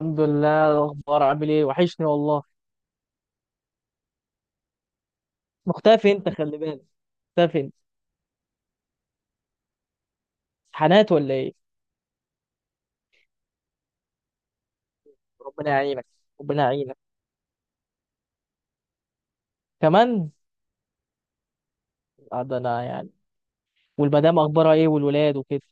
الحمد لله، الاخبار عامل ايه؟ وحشني والله. مختفي انت، خلي بالك. مختفي انت. امتحانات ولا ايه؟ ربنا يعينك. ربنا يعينك كمان. آه، ده انا يعني. والمدام اخبارها ايه والولاد وكده؟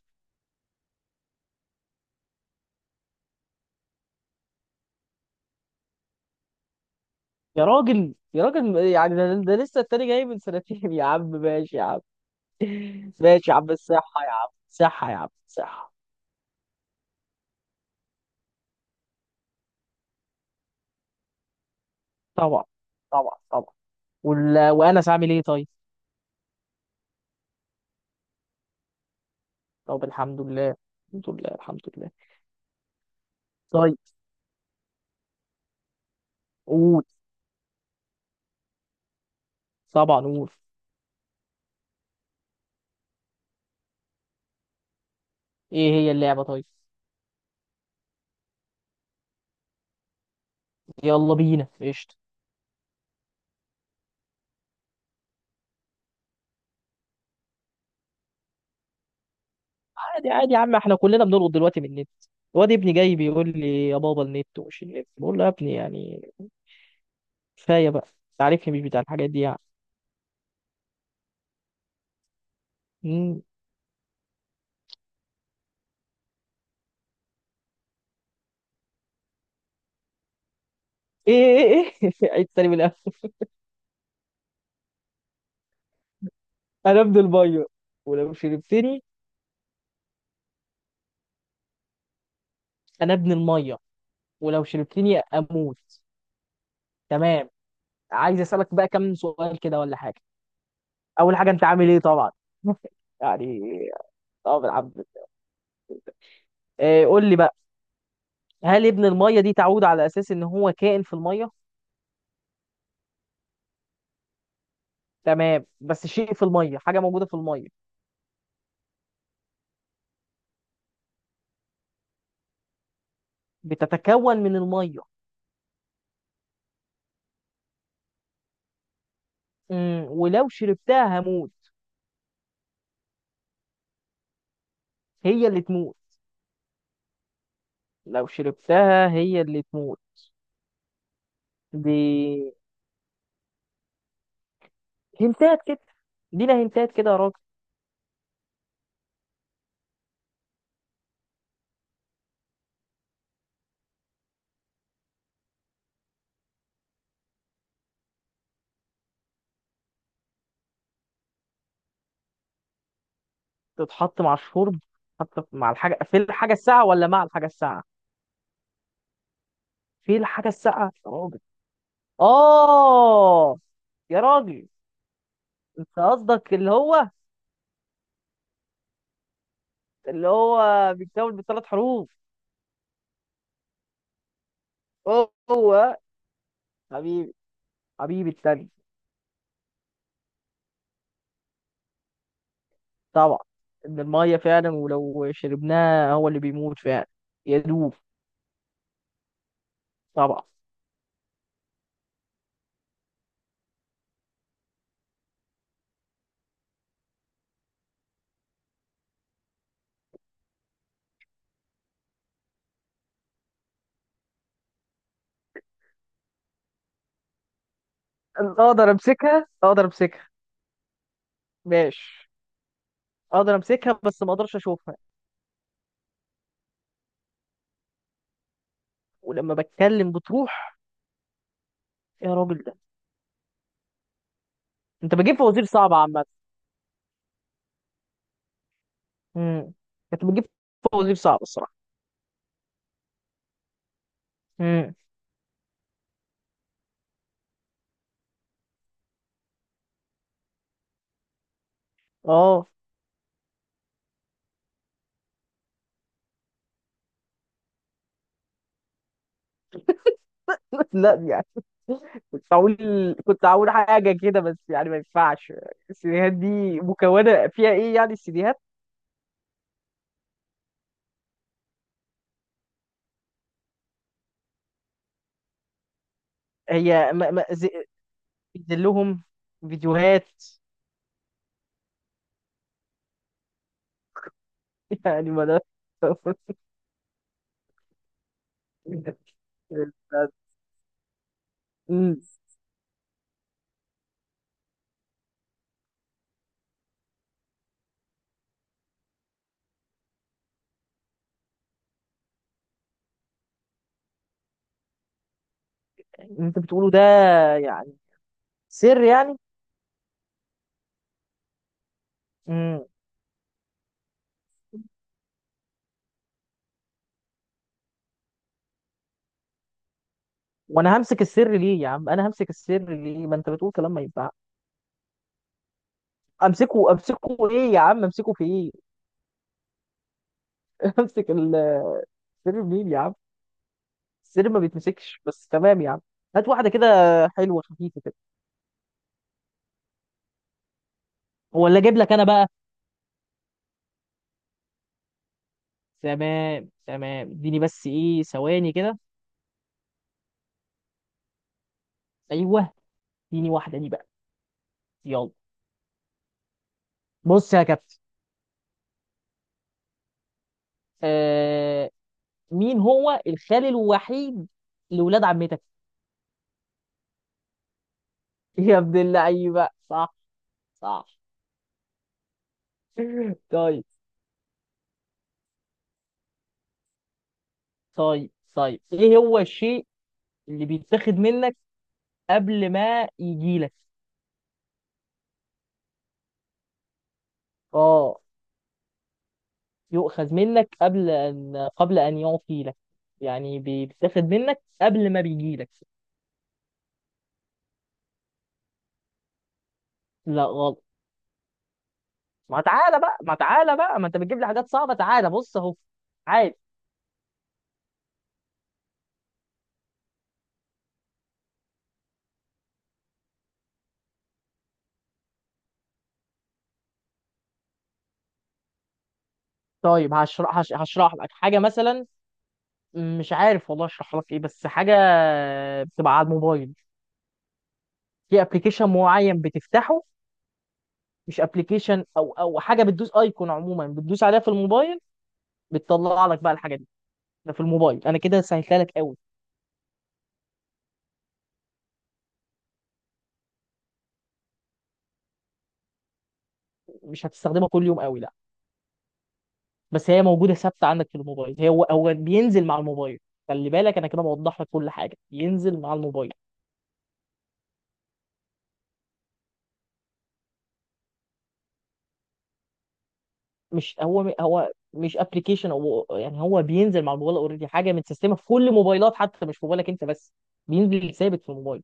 يا راجل، يا راجل، يعني ده لسه التاني جاي من سنتين. يا عم ماشي يا عم. ماشي يا عم، الصحة يا عم، صحة يا عم صحة. طبعا. طبعا طبعا. وانس عامل ايه؟ طيب. طب الحمد لله. الحمد لله، الحمد لله. طيب. قول. طبعا قول. ايه هي اللعبة طيب؟ يلا بينا قشطة. عادي عادي يا عم، احنا كلنا بنلقط دلوقتي من النت. الواد ابني جاي بيقول لي يا بابا النت ومش النت، بقول له يا ابني، يعني كفاية بقى. انت عارفني مش بتاع الحاجات دي يعني. مم. ايه ايه ايه. عيد تاني من الأول. انا ابن المية ولو شربتني. انا ابن المية ولو شربتني اموت. تمام. عايز اسألك بقى كم سؤال كده ولا حاجة. اول حاجة، انت عامل ايه طبعا؟ يعني. طبعا الحمد لله. إيه، قول لي بقى. هل ابن المية دي تعود على اساس ان هو كائن في المية؟ تمام، بس شيء في الميه، حاجه موجوده في الميه. بتتكون من الميه. ولو شربتها هموت. هي اللي تموت. لو شربتها هي اللي تموت. دي هنتات كده. دينا هنتات كده يا راجل. تتحط مع الشرب. تتحط مع الحاجه، في الحاجه الساقعه ولا مع الحاجه الساقعه؟ في الحاجه الساقعه يا راجل. اه. يا راجل. انت قصدك اللي هو بيتكون من ثلاث حروف. هو. حبيبي. حبيبي التاني. طبعا. ان الميه فعلا ولو شربناها هو اللي بيموت فعلا. يدوب. طبعا. اقدر امسكها اقدر امسكها. ماشي. اقدر امسكها بس ما اقدرش اشوفها. ولما بتكلم بتروح. يا راجل ده، انت بتجيب فوازير صعبه عامه. امم. انت بتجيب فوازير صعبه الصراحه. امم. اه. لا يعني. كنت هقول. كنت هقول حاجه كده، بس يعني ما ينفعش. السيديهات دي مكونه فيها ايه يعني السيديهات؟ هي م... م... ز- بينزل لهم فيديوهات. يعني ما ده. أمم، اللي انت بتقوله ده يعني سر يعني. امم. وانا همسك السر ليه يا عم؟ انا همسك السر ليه؟ ما انت بتقول كلام ما ينفع. امسكه امسكه ايه يا عم؟ امسكه في ايه؟ امسك السر منين يا عم؟ السر ما بيتمسكش، بس تمام يا عم. هات واحده كده، حلوه خفيفه كده. ولا اجيب لك انا بقى؟ تمام تمام، اديني بس ايه ثواني كده. ايوه. اديني واحده دي بقى. يلا. بص يا كابتن. آه... مين هو الخال الوحيد لولاد عمتك؟ يا ابن اللعيبه. صح. صح. طيب. طيب طيب، ايه هو الشيء اللي بيتاخد منك قبل ما يجي لك؟ اه. يؤخذ منك قبل ان يعطي لك. يعني بيتاخد منك قبل ما بيجي لك. لا غلط. ما تعالى بقى، ما انت بتجيب لي حاجات صعبه، تعالى بص اهو. عادي. طيب هشرح لك حاجه مثلا. مش عارف والله اشرح لك ايه، بس حاجه بتبقى على الموبايل. في ابلكيشن معين بتفتحه. مش ابلكيشن، او حاجه بتدوس ايكون عموما، بتدوس عليها في الموبايل. بتطلع لك بقى الحاجه دي. ده في الموبايل، انا كده سهلتها لك قوي. مش هتستخدمها كل يوم قوي، لا. بس هي موجوده ثابته عندك في الموبايل. هي هو بينزل مع الموبايل. خلي بالك، انا كده بوضح لك كل حاجه، ينزل مع الموبايل. مش هو مش ابلكيشن، او يعني هو بينزل مع الموبايل اوريدي، حاجه متسيستمه في كل موبايلات حتى، مش في موبايلك انت بس. بينزل ثابت في الموبايل.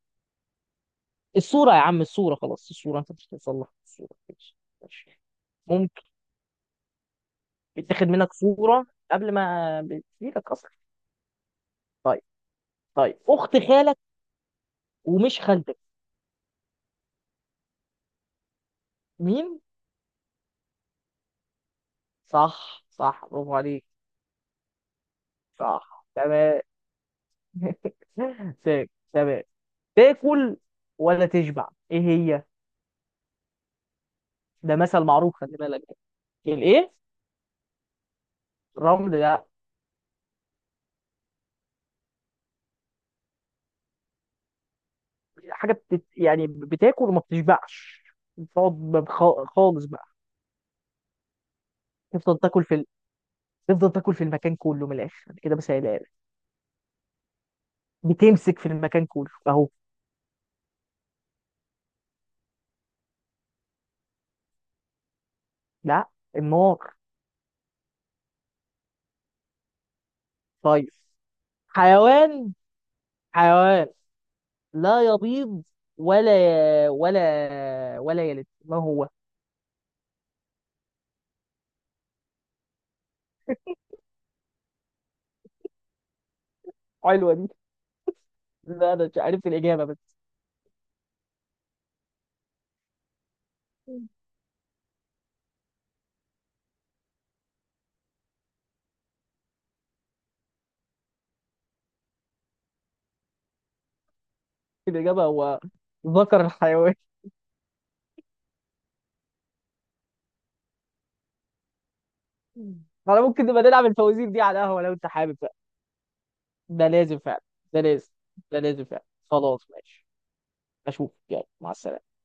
الصورة يا عم، الصورة خلاص، الصورة انت مش هتصلح الصورة ماشي. ماشي. ممكن. بتاخد منك صورة قبل ما بتجيلك اصلا. طيب. طيب، اخت خالك ومش خالتك؟ مين؟ صح صح، برافو عليك. صح تمام. تمام. تاكل ولا تشبع، ايه هي؟ ده مثل معروف، خلي بالك. الايه؟ الرمل ده، حاجة يعني بتاكل وما بتشبعش. بتقعد خالص بقى. تفضل تاكل في... تفضل تاكل في المكان كله، من الاخر أنا كده بسهلها لك. بتمسك في المكان كله اهو. لا. النار. طيب. حيوان. حيوان. لا يبيض ولا ولا يلد، ما هو؟ حلوه دي. لا انا مش عارف الاجابه، بس الاجابه هو ذكر الحيوان. انا ممكن نبقى نلعب الفوازير دي على القهوه لو انت حابب بقى. ده لازم فعلا. ده لازم. ده لازم فعلا. خلاص ماشي. اشوف، يلا مع السلامه.